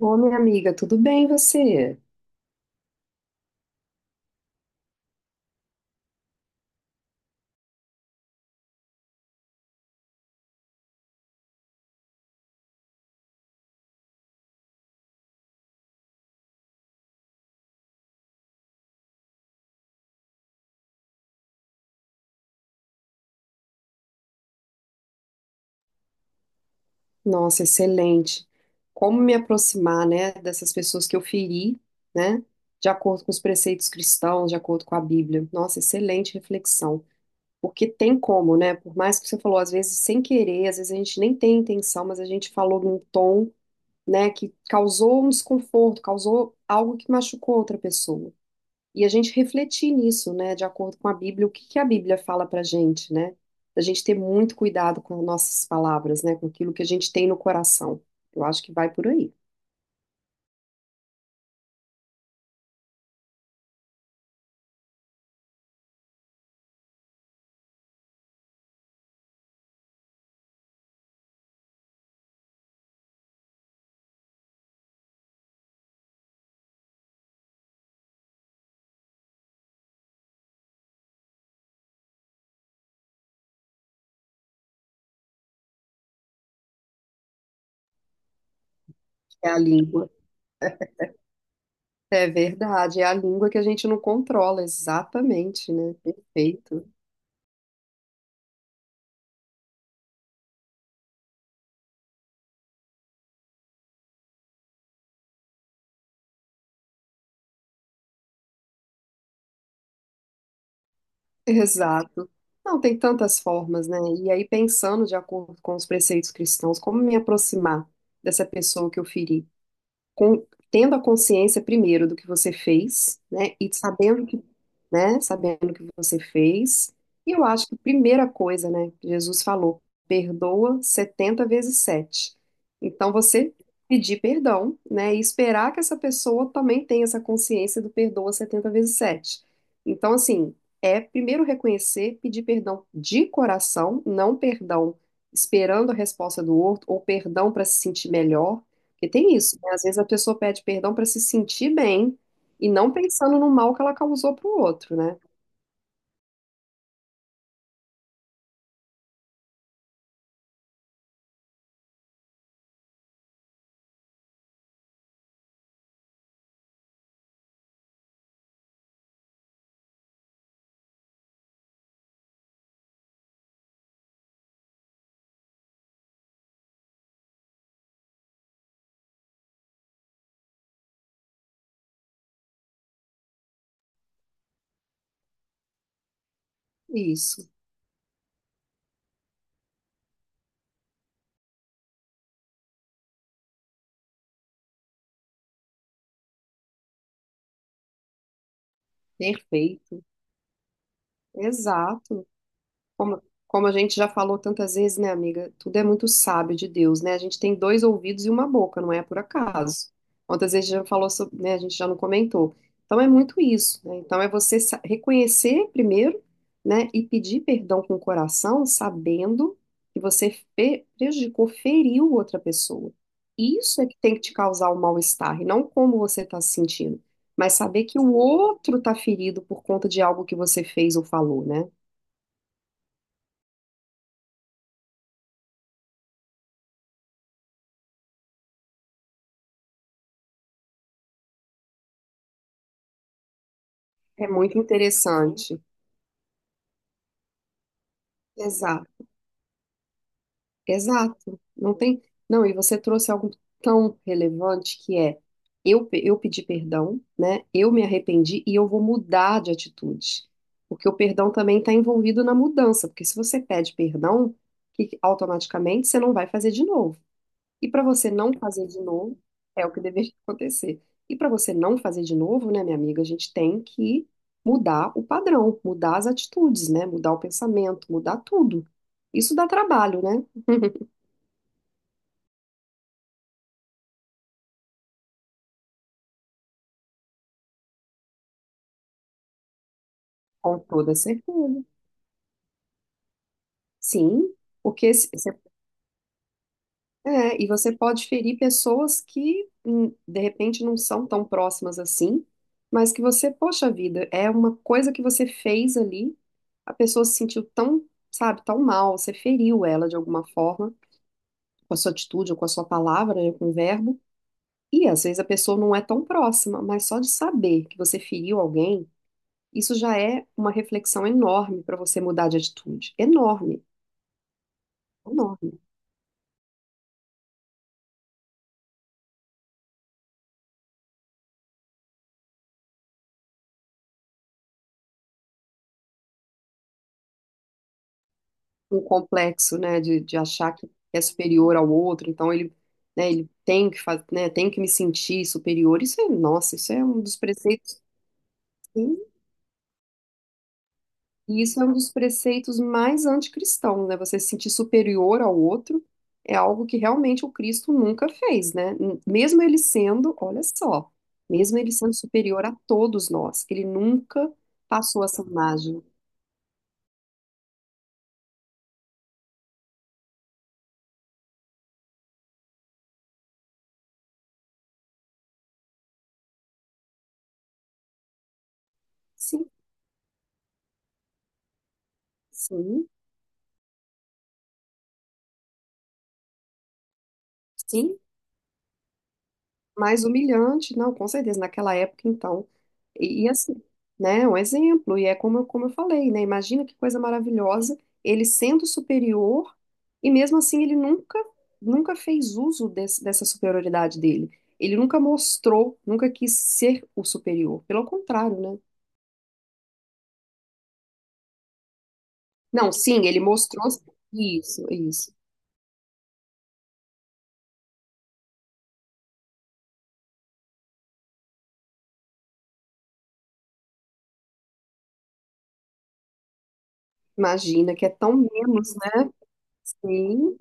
Ô, minha amiga, tudo bem você? Nossa, excelente. Como me aproximar, né, dessas pessoas que eu feri, né, de acordo com os preceitos cristãos, de acordo com a Bíblia. Nossa, excelente reflexão. Porque tem como, né? Por mais que você falou, às vezes sem querer, às vezes a gente nem tem intenção, mas a gente falou num tom, né, que causou um desconforto, causou algo que machucou outra pessoa. E a gente refletir nisso, né, de acordo com a Bíblia, o que que a Bíblia fala pra gente, né? A gente ter muito cuidado com nossas palavras, né, com aquilo que a gente tem no coração. Eu acho que vai por aí. É a língua. É verdade, é a língua que a gente não controla, exatamente, né? Perfeito. Exato. Não, tem tantas formas, né? E aí, pensando de acordo com os preceitos cristãos, como me aproximar dessa pessoa que eu feri? com- Tendo a consciência primeiro do que você fez, né? E sabendo que, né? Sabendo que você fez. E eu acho que a primeira coisa, né? Jesus falou, perdoa 70 vezes 7. Então você pedir perdão, né? E esperar que essa pessoa também tenha essa consciência do perdoa 70 vezes 7. Então, assim, é primeiro reconhecer, pedir perdão de coração, não perdão esperando a resposta do outro ou perdão para se sentir melhor. Porque tem isso, né? Às vezes a pessoa pede perdão para se sentir bem e não pensando no mal que ela causou para o outro, né? Isso. Perfeito. Exato. Como, como a gente já falou tantas vezes, né, amiga? Tudo é muito sábio de Deus, né? A gente tem dois ouvidos e uma boca, não é por acaso. Quantas vezes a gente já falou sobre, né? A gente já não comentou. Então é muito isso, né? Então é você reconhecer primeiro, né? E pedir perdão com o coração, sabendo que você prejudicou, feriu outra pessoa. Isso é que tem que te causar o mal-estar, e não como você está se sentindo. Mas saber que o outro está ferido por conta de algo que você fez ou falou, né? É muito interessante. Exato, exato. Não tem. Não, e você trouxe algo tão relevante que é eu pedi perdão, né? Eu me arrependi e eu vou mudar de atitude. Porque o perdão também está envolvido na mudança. Porque se você pede perdão, que automaticamente você não vai fazer de novo. E para você não fazer de novo, é o que deveria acontecer. E para você não fazer de novo, né, minha amiga, a gente tem que mudar o padrão, mudar as atitudes, né? Mudar o pensamento, mudar tudo. Isso dá trabalho, né? Com toda certeza. Sim, porque é, e você pode ferir pessoas que de repente não são tão próximas assim, mas que você, poxa vida, é uma coisa que você fez ali, a pessoa se sentiu tão, sabe, tão mal, você feriu ela de alguma forma. Com a sua atitude ou com a sua palavra, né, com o verbo. E às vezes a pessoa não é tão próxima, mas só de saber que você feriu alguém, isso já é uma reflexão enorme para você mudar de atitude. Enorme, enorme. Um complexo, né, de achar que é superior ao outro, então ele, né, ele tem que fazer, né, tem que me sentir superior. Isso é, nossa, isso é um dos preceitos. E isso é um dos preceitos mais anticristãos, né? Você se sentir superior ao outro é algo que realmente o Cristo nunca fez, né? Mesmo ele sendo, olha só, mesmo ele sendo superior a todos nós, ele nunca passou essa imagem. Sim, sim, sim. Mais humilhante, não, com certeza, naquela época, então. E assim, né, é um exemplo, e é como, como eu falei, né, imagina que coisa maravilhosa, ele sendo superior, e mesmo assim ele nunca, nunca fez uso dessa superioridade dele. Ele nunca mostrou, nunca quis ser o superior, pelo contrário, né? Não, sim, ele mostrou isso, isso. Imagina que é tão menos, né? Sim.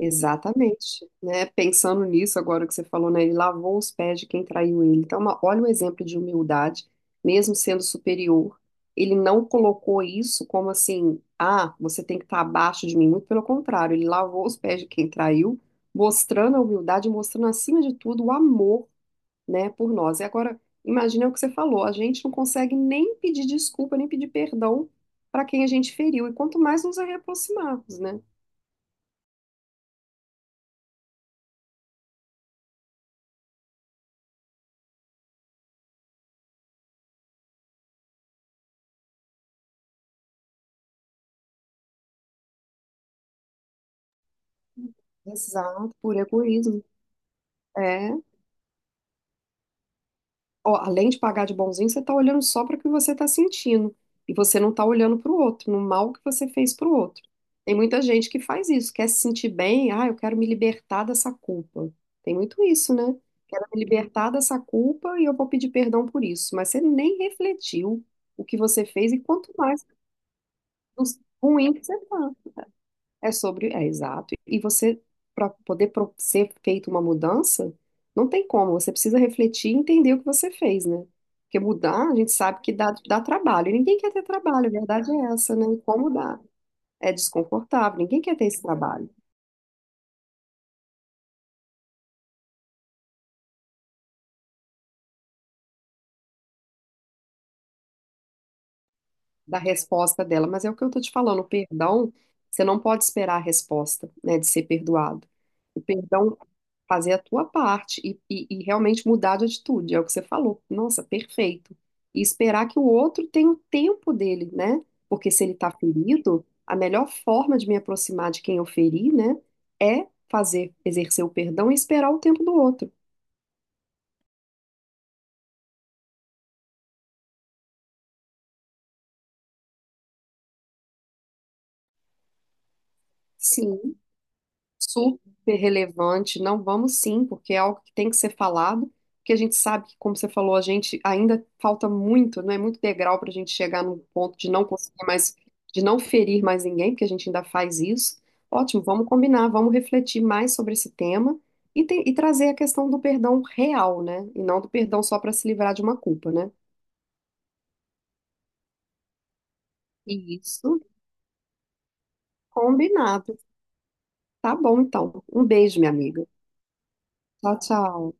Exatamente, né? Pensando nisso agora que você falou, né? Ele lavou os pés de quem traiu ele. Então, olha o exemplo de humildade, mesmo sendo superior, ele não colocou isso como assim, ah, você tem que estar abaixo de mim. Muito pelo contrário, ele lavou os pés de quem traiu, mostrando a humildade, mostrando acima de tudo o amor, né, por nós. E agora, imagina o que você falou, a gente não consegue nem pedir desculpa, nem pedir perdão para quem a gente feriu, e quanto mais nos aproximarmos, né? Exato, por egoísmo. É, ó, além de pagar de bonzinho, você está olhando só para o que você está sentindo. E você não está olhando para o outro, no mal que você fez para o outro. Tem muita gente que faz isso, quer se sentir bem, ah, eu quero me libertar dessa culpa. Tem muito isso, né? Quero me libertar dessa culpa e eu vou pedir perdão por isso. Mas você nem refletiu o que você fez e quanto mais ruim que você tá. É sobre, é exato. E você, para poder ser feita uma mudança, não tem como, você precisa refletir e entender o que você fez, né? Porque mudar, a gente sabe que dá, dá trabalho, e ninguém quer ter trabalho, a verdade é essa, né? E como dá? É desconfortável, ninguém quer ter esse trabalho. Da resposta dela, mas é o que eu tô te falando, o perdão, você não pode esperar a resposta, né, de ser perdoado. O perdão, fazer a tua parte e realmente mudar de atitude, é o que você falou. Nossa, perfeito. E esperar que o outro tenha o tempo dele, né? Porque se ele tá ferido, a melhor forma de me aproximar de quem eu feri, né, é fazer, exercer o perdão e esperar o tempo do outro. Sim. Super relevante. Não, vamos sim, porque é algo que tem que ser falado, porque a gente sabe que, como você falou, a gente ainda falta muito, não é muito degrau para a gente chegar num ponto de não conseguir mais, de não ferir mais ninguém, porque a gente ainda faz isso. Ótimo, vamos combinar, vamos refletir mais sobre esse tema e trazer a questão do perdão real, né? E não do perdão só para se livrar de uma culpa, né? Isso. Combinado. Tá bom, então. Um beijo, minha amiga. Tchau, tchau.